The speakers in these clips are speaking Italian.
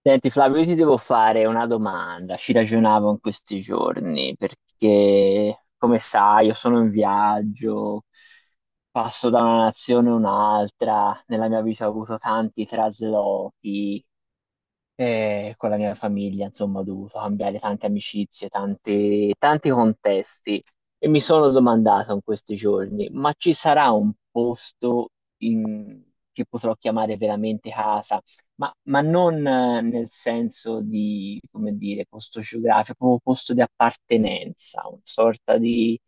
Senti Flavio, io ti devo fare una domanda, ci ragionavo in questi giorni perché, come sai, io sono in viaggio, passo da una nazione a un'altra, nella mia vita ho avuto tanti traslochi e con la mia famiglia, insomma, ho dovuto cambiare tante amicizie, tanti, tanti contesti e mi sono domandato in questi giorni, ma ci sarà un posto in- che potrò chiamare veramente casa? Ma non nel senso di, come dire, posto geografico, proprio posto di appartenenza, una sorta di,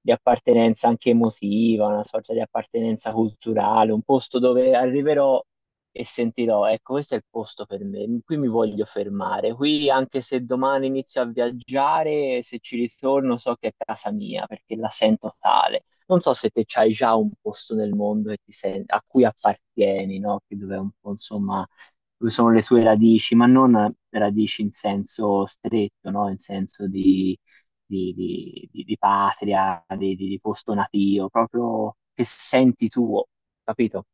di appartenenza anche emotiva, una sorta di appartenenza culturale, un posto dove arriverò e sentirò, ecco, questo è il posto per me, qui mi voglio fermare, qui anche se domani inizio a viaggiare, se ci ritorno so che è casa mia perché la sento tale. Non so se te c'hai già un posto nel mondo che a cui appartieni, no? Che dove è un po', insomma, dove sono le tue radici, ma non radici in senso stretto, no? In senso di, di patria, di posto natio, proprio che senti tuo, capito?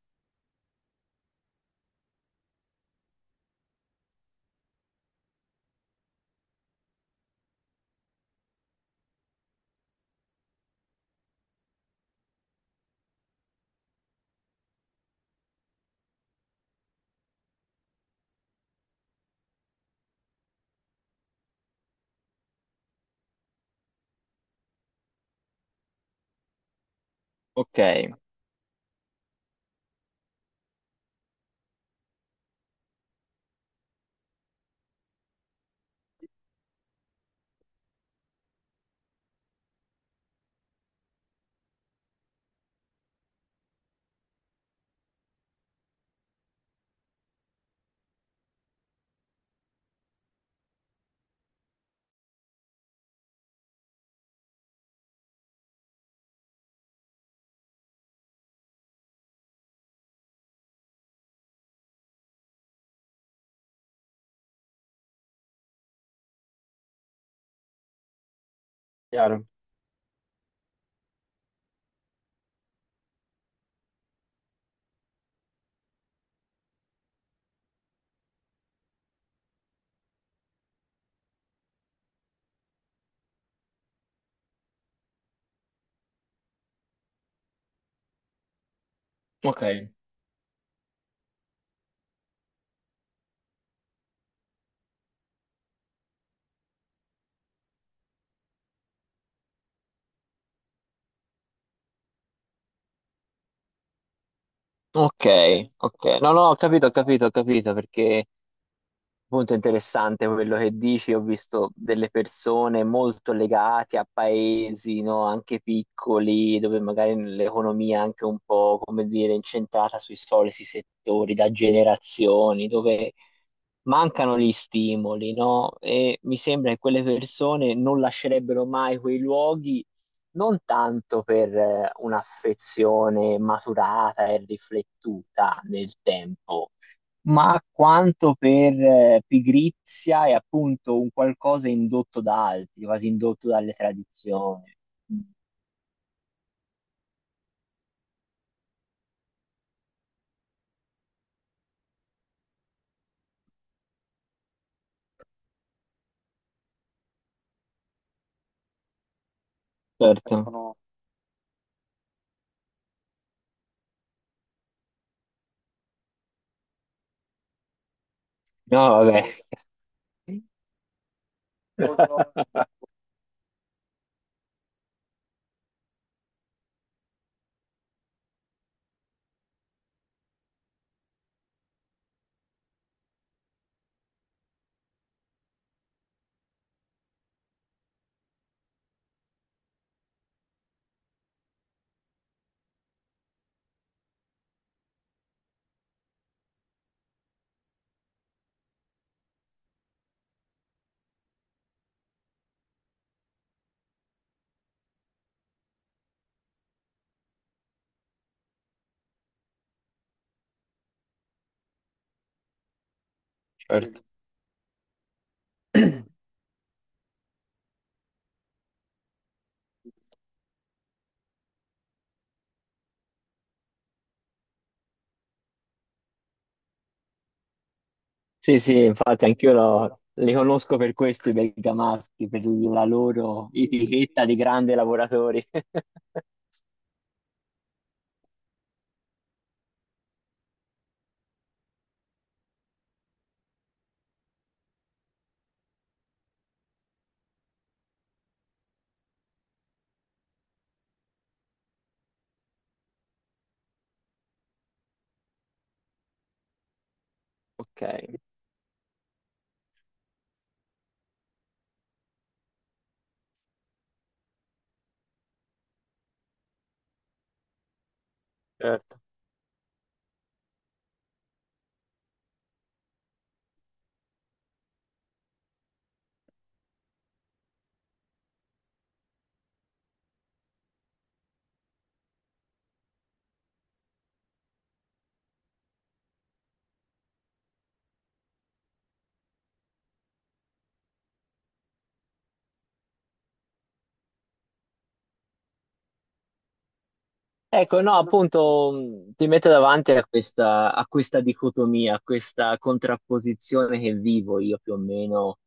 Ok. Chiaro. Ok. Ok, ok. No, no, ho capito, ho capito, ho capito, perché molto interessante quello che dici, ho visto delle persone molto legate a paesi, no, anche piccoli, dove magari l'economia è anche un po', come dire, incentrata sui soliti settori da generazioni, dove mancano gli stimoli, no? E mi sembra che quelle persone non lascerebbero mai quei luoghi, non tanto per un'affezione maturata e riflettuta nel tempo ma quanto per pigrizia e appunto un qualcosa indotto da altri, quasi indotto dalle tradizioni. Certo. No, vabbè, certo. Sì, sì, infatti anch'io li conosco per questo i bergamaschi, per la loro etichetta di grandi lavoratori. Ok, certo. Ecco, no, appunto ti metto davanti a questa dicotomia, a questa contrapposizione che vivo io più o meno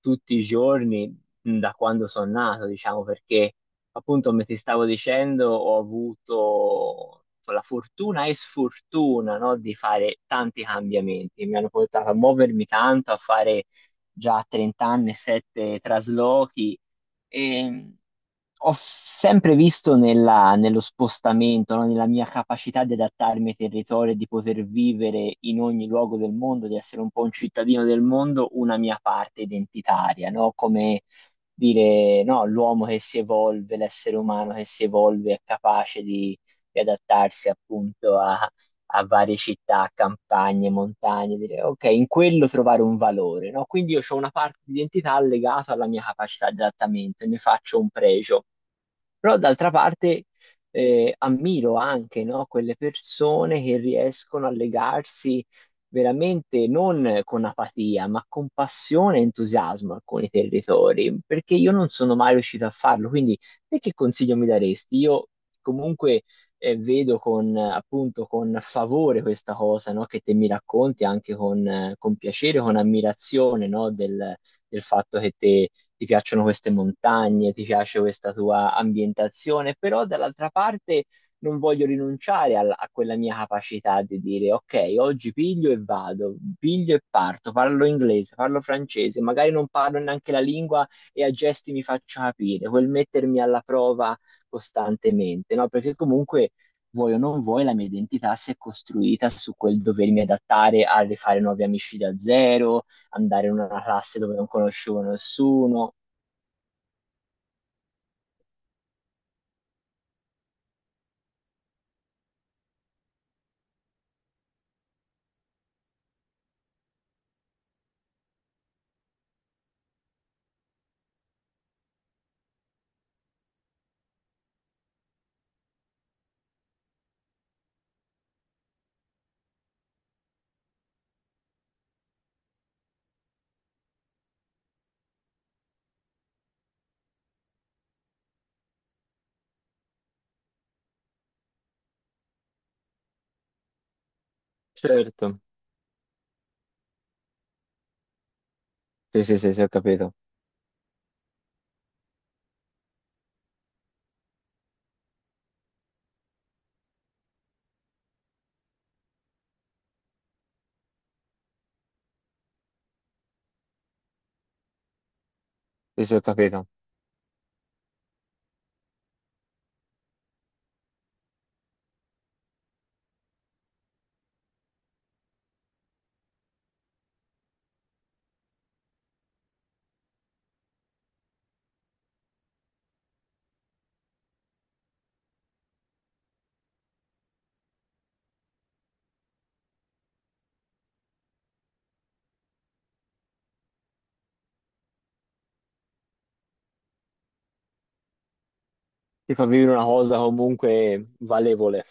tutti i giorni da quando sono nato, diciamo, perché appunto come ti stavo dicendo ho avuto la fortuna e sfortuna, no, di fare tanti cambiamenti, mi hanno portato a muovermi tanto, a fare già a 30 anni 7 traslochi. E ho sempre visto nello spostamento, no? Nella mia capacità di adattarmi ai territori, e di poter vivere in ogni luogo del mondo, di essere un po' un cittadino del mondo, una mia parte identitaria, no? Come dire, no, l'uomo che si evolve, l'essere umano che si evolve è capace di adattarsi appunto a varie città, campagne, montagne, dire ok, in quello trovare un valore, no? Quindi io ho una parte di identità legata alla mia capacità di adattamento e ne faccio un pregio. Però d'altra parte ammiro anche, no, quelle persone che riescono a legarsi veramente non con apatia, ma con passione e entusiasmo a alcuni territori, perché io non sono mai riuscito a farlo. Quindi, te che consiglio mi daresti? Io comunque vedo con, appunto, con favore questa cosa, no, che te mi racconti anche con piacere, con ammirazione, no, del fatto che te ti piacciono queste montagne, ti piace questa tua ambientazione, però dall'altra parte non voglio rinunciare a quella mia capacità di dire ok, oggi piglio e vado, piglio e parto, parlo inglese, parlo francese, magari non parlo neanche la lingua e a gesti mi faccio capire, quel mettermi alla prova costantemente, no? Perché comunque vuoi o non vuoi, la mia identità si è costruita su quel dovermi adattare a rifare nuovi amici da zero, andare in una classe dove non conoscevo nessuno. Certo, sì, sì, sì, sì, ho capito, sì, sì, ho capito. Ti fa vivere una cosa comunque valevole.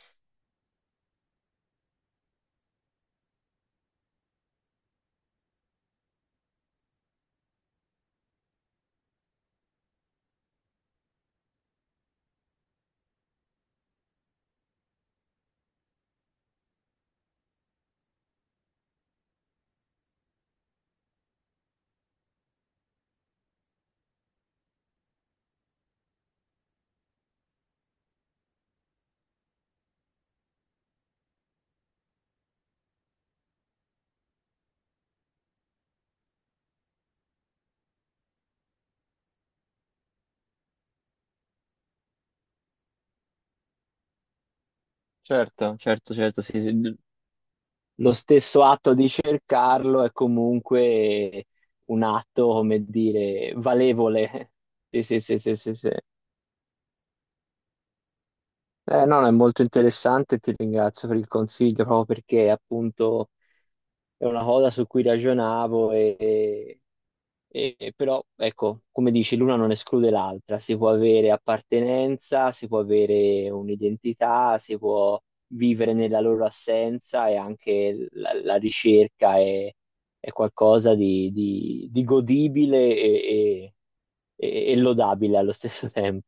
Certo, certo, certo, sì, sì. Lo stesso atto di cercarlo è comunque un atto, come dire, valevole. Sì, sì, sì, sì, sì, sì. No, no, è molto interessante e ti ringrazio per il consiglio, proprio perché appunto è una cosa su cui ragionavo e, però ecco, come dici, l'una non esclude l'altra, si può avere appartenenza, si può avere un'identità, si può vivere nella loro assenza e anche la ricerca è qualcosa di godibile e- e lodabile allo stesso tempo.